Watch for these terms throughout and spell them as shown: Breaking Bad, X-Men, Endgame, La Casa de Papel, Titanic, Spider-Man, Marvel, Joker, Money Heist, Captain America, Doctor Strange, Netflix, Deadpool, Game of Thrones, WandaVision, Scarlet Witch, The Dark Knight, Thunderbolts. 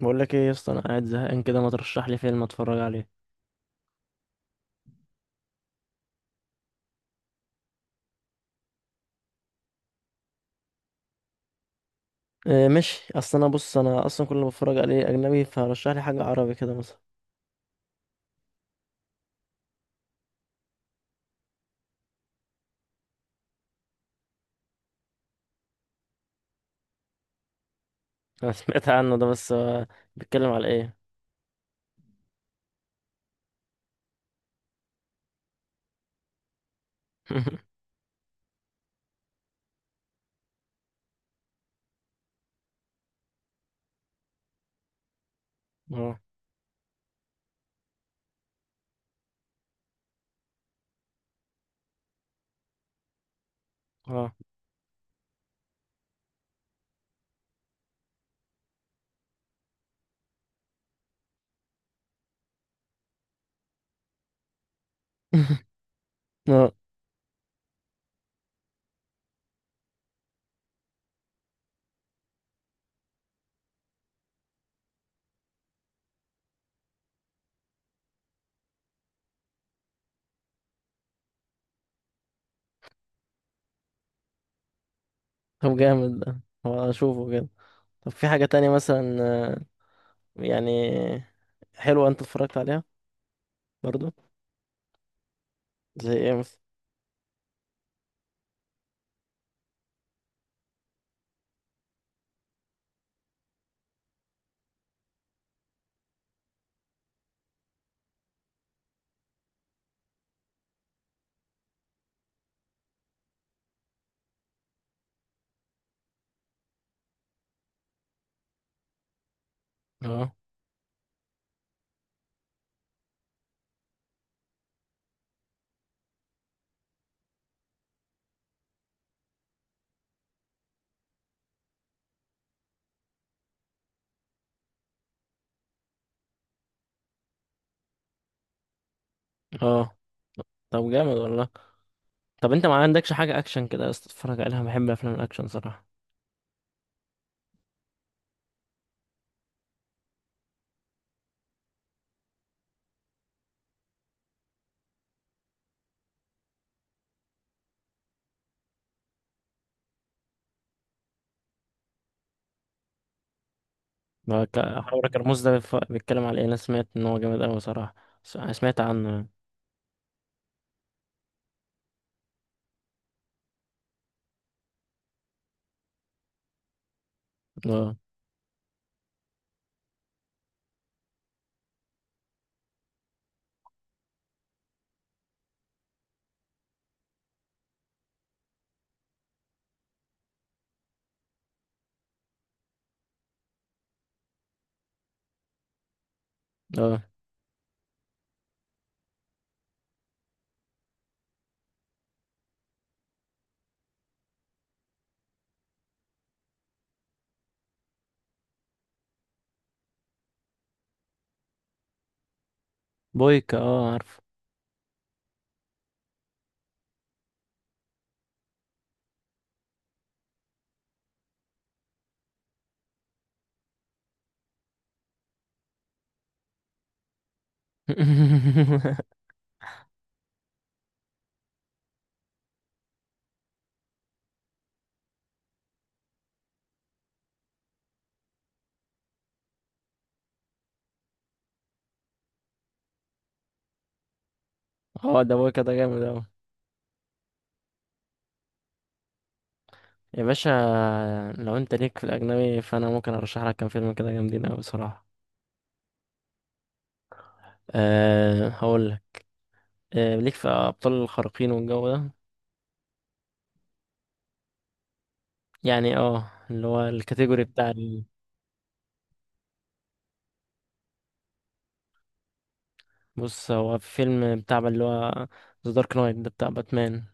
بقول لك ايه يا اسطى، انا قاعد زهقان كده، ما ترشح لي فيلم اتفرج عليه؟ إيه ماشي. اصل انا، بص، انا اصلا كل ما بتفرج عليه اجنبي، فرشح لي حاجه عربي كده مثلا. انا سمعت عنه ده بس بيتكلم على ايه؟ اه اه اه. طب جامد ده، هو اشوفه كده. طب في حاجه تانية مثلا؟ يعني حلوه انت اتفرجت عليها برضو؟ زي ايه مثلا؟ اه اه. طب جامد والله. طب انت ما عندكش حاجه اكشن كده يا اسطى تتفرج عليها؟ بحب افلام الاكشن صراحه. هو حوار كرموز ده بيتكلم على ايه؟ انا سمعت ان هو جامد اوي صراحة. سمعت عنه. اه اه. بويكا؟ اه عارفه. اه، ده بويكا ده جامد اوي يا باشا. لو انت ليك في الاجنبي، فانا ممكن ارشح لك كام فيلم كده جامدين اوي صراحة. أه هقول لك. أه، ليك في ابطال الخارقين والجو ده؟ يعني اه، اللي هو الكاتيجوري بتاع بص، هو في فيلم بتاع اللي هو ذا دارك نايت ده بتاع باتمان.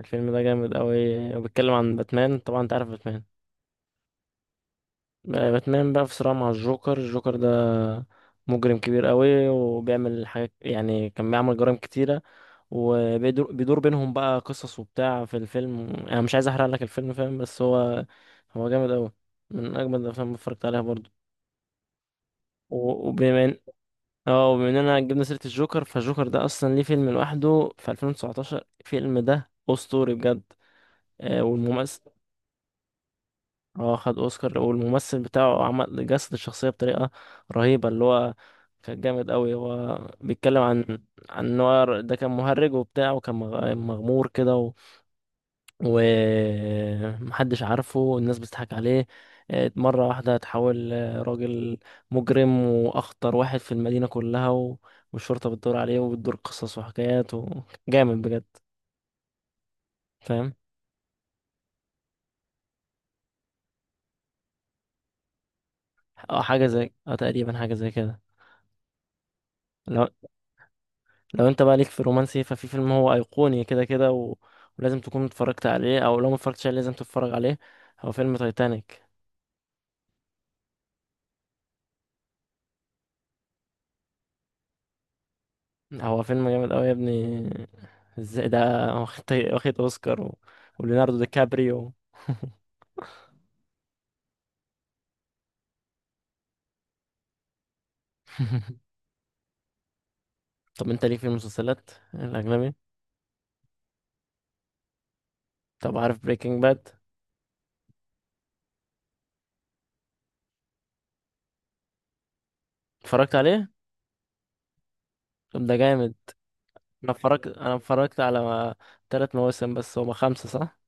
الفيلم ده جامد قوي، وبيتكلم عن باتمان. طبعا انت عارف باتمان. باتمان بقى في صراع مع الجوكر. الجوكر ده مجرم كبير قوي، وبيعمل حاجات، يعني كان بيعمل جرائم كتيرة. وبيدور بينهم بقى قصص وبتاع في الفيلم. انا مش عايز احرق لك الفيلم، فاهم؟ بس هو، هو جامد قوي، من اجمد الافلام اللي اتفرجت عليها برضو. وبما ان، اه، وبما اننا جبنا سيرة الجوكر، فالجوكر ده اصلا ليه فيلم لوحده في 2019. الفيلم ده اسطوري بجد. والممثل، اه خد اوسكار. والممثل بتاعه عمل جسد الشخصيه بطريقه رهيبه. اللي هو كان جامد قوي. هو بيتكلم عن، عن ان هو ده كان مهرج وبتاع، وكان مغمور كده، و... ومحدش عارفه، والناس بتضحك عليه. اه، مرة واحدة اتحول راجل مجرم، وأخطر واحد في المدينة كلها، و... والشرطة بتدور عليه. وبتدور قصص وحكايات، وجامد بجد، فاهم؟ اه، حاجة زي، اه، تقريبا حاجة زي كده. لو لو انت بقى ليك في الرومانسي، ففي فيلم هو ايقوني كده كده، و... ولازم تكون اتفرجت عليه، او لو ما اتفرجتش عليه لازم تتفرج عليه. هو فيلم تايتانيك. هو فيلم جامد قوي يا ابني. ازاي ده؟ واخد، واخد اوسكار، و... وليوناردو دي كابريو. طب انت ليك في المسلسلات الاجنبي؟ طب عارف بريكنج باد؟ اتفرجت عليه؟ طب ده جامد. انا اتفرجت، انا اتفرجت على ثلاث مواسم، بس هما خمسة صح؟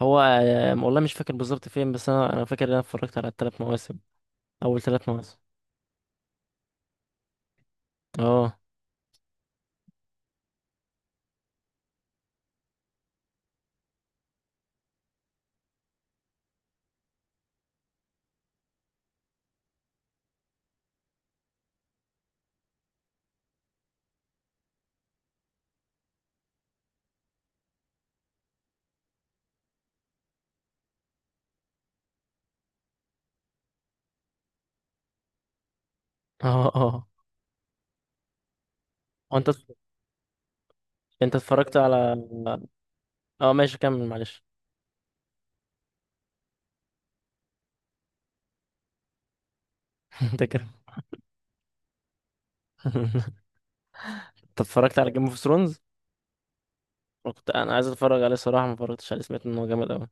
هو والله مش فاكر بالظبط فين، بس انا، انا فاكر ان انا اتفرجت على الثلاث مواسم، اول ثلاث مواسم. اه اه اه. هو انت، انت اتفرجت على، اه ماشي كمل معلش. انت كده. انت اتفرجت على جيم اوف ثرونز؟ كنت انا عايز اتفرج عليه صراحه، ما اتفرجتش عليه، سمعت ان هو جامد قوي.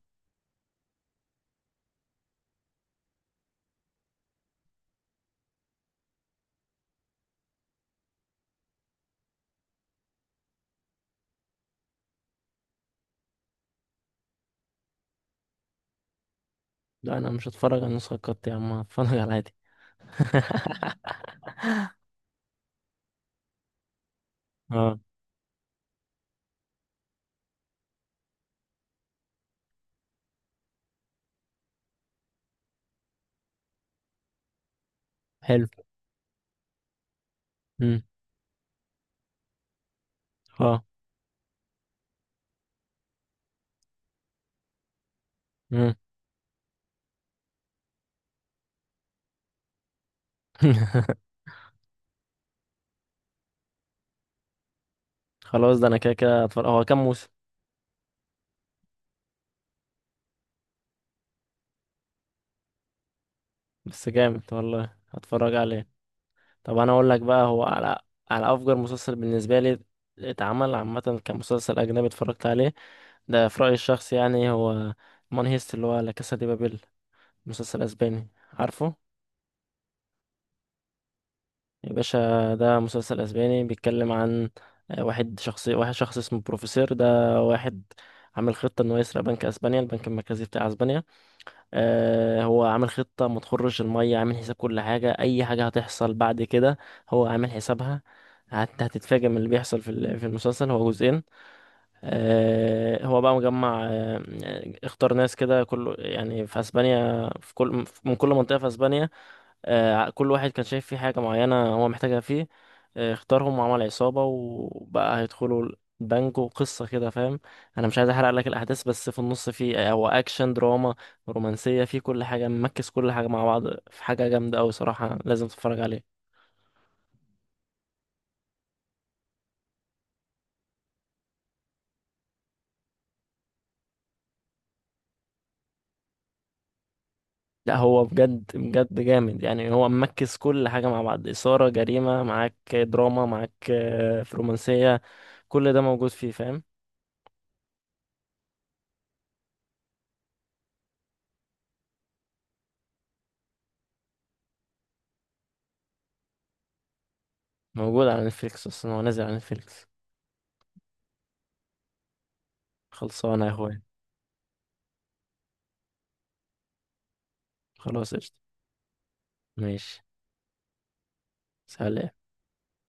لا انا مش هتفرج على النسخه القط يا عم، هتفرج على العادي. اه حلو. امم. اه. امم. خلاص، ده انا كده كده هتفرج. هو كام موسم؟ بس جامد والله، هتفرج عليه. طب انا اقول لك بقى، هو على، على افجر مسلسل بالنسبه لي اتعمل عامه كمسلسل اجنبي اتفرجت عليه، ده في رأيي الشخصي يعني، هو مون هيست، اللي هو لا كاسا دي بابيل، مسلسل اسباني عارفه؟ يا باشا ده مسلسل اسباني بيتكلم عن واحد، شخص واحد شخص اسمه بروفيسور ده، واحد عامل خطة انه يسرق بنك اسبانيا، البنك المركزي بتاع اسبانيا. آه، هو عامل خطة ما تخرش المية، عامل حساب كل حاجة، اي حاجة هتحصل بعد كده هو عامل حسابها. هتتفاجئ من اللي بيحصل في في المسلسل. هو جزئين. هو بقى مجمع، اختار ناس كده، كل يعني، في اسبانيا، في كل، من كل منطقة في اسبانيا، كل واحد كان شايف فيه حاجة معينة هو محتاجها فيه، اختارهم وعمل عصابة وبقى هيدخلوا البنك، وقصة كده فاهم. انا مش عايز احرق لك الاحداث، بس في النص فيه، هو اكشن دراما رومانسية، فيه كل حاجة، ممكس كل حاجة مع بعض. في حاجة جامدة اوي صراحة، لازم تتفرج عليها. لا، هو بجد بجد جامد، يعني هو مركز كل حاجة مع بعض، إثارة، جريمة، معاك دراما، معاك رومانسية، كل ده موجود فيه، فاهم؟ موجود على نتفليكس أصلا، هو نازل على نتفليكس. خلصانة يا أخويا. خلاص قشطة. ماشي. سلام.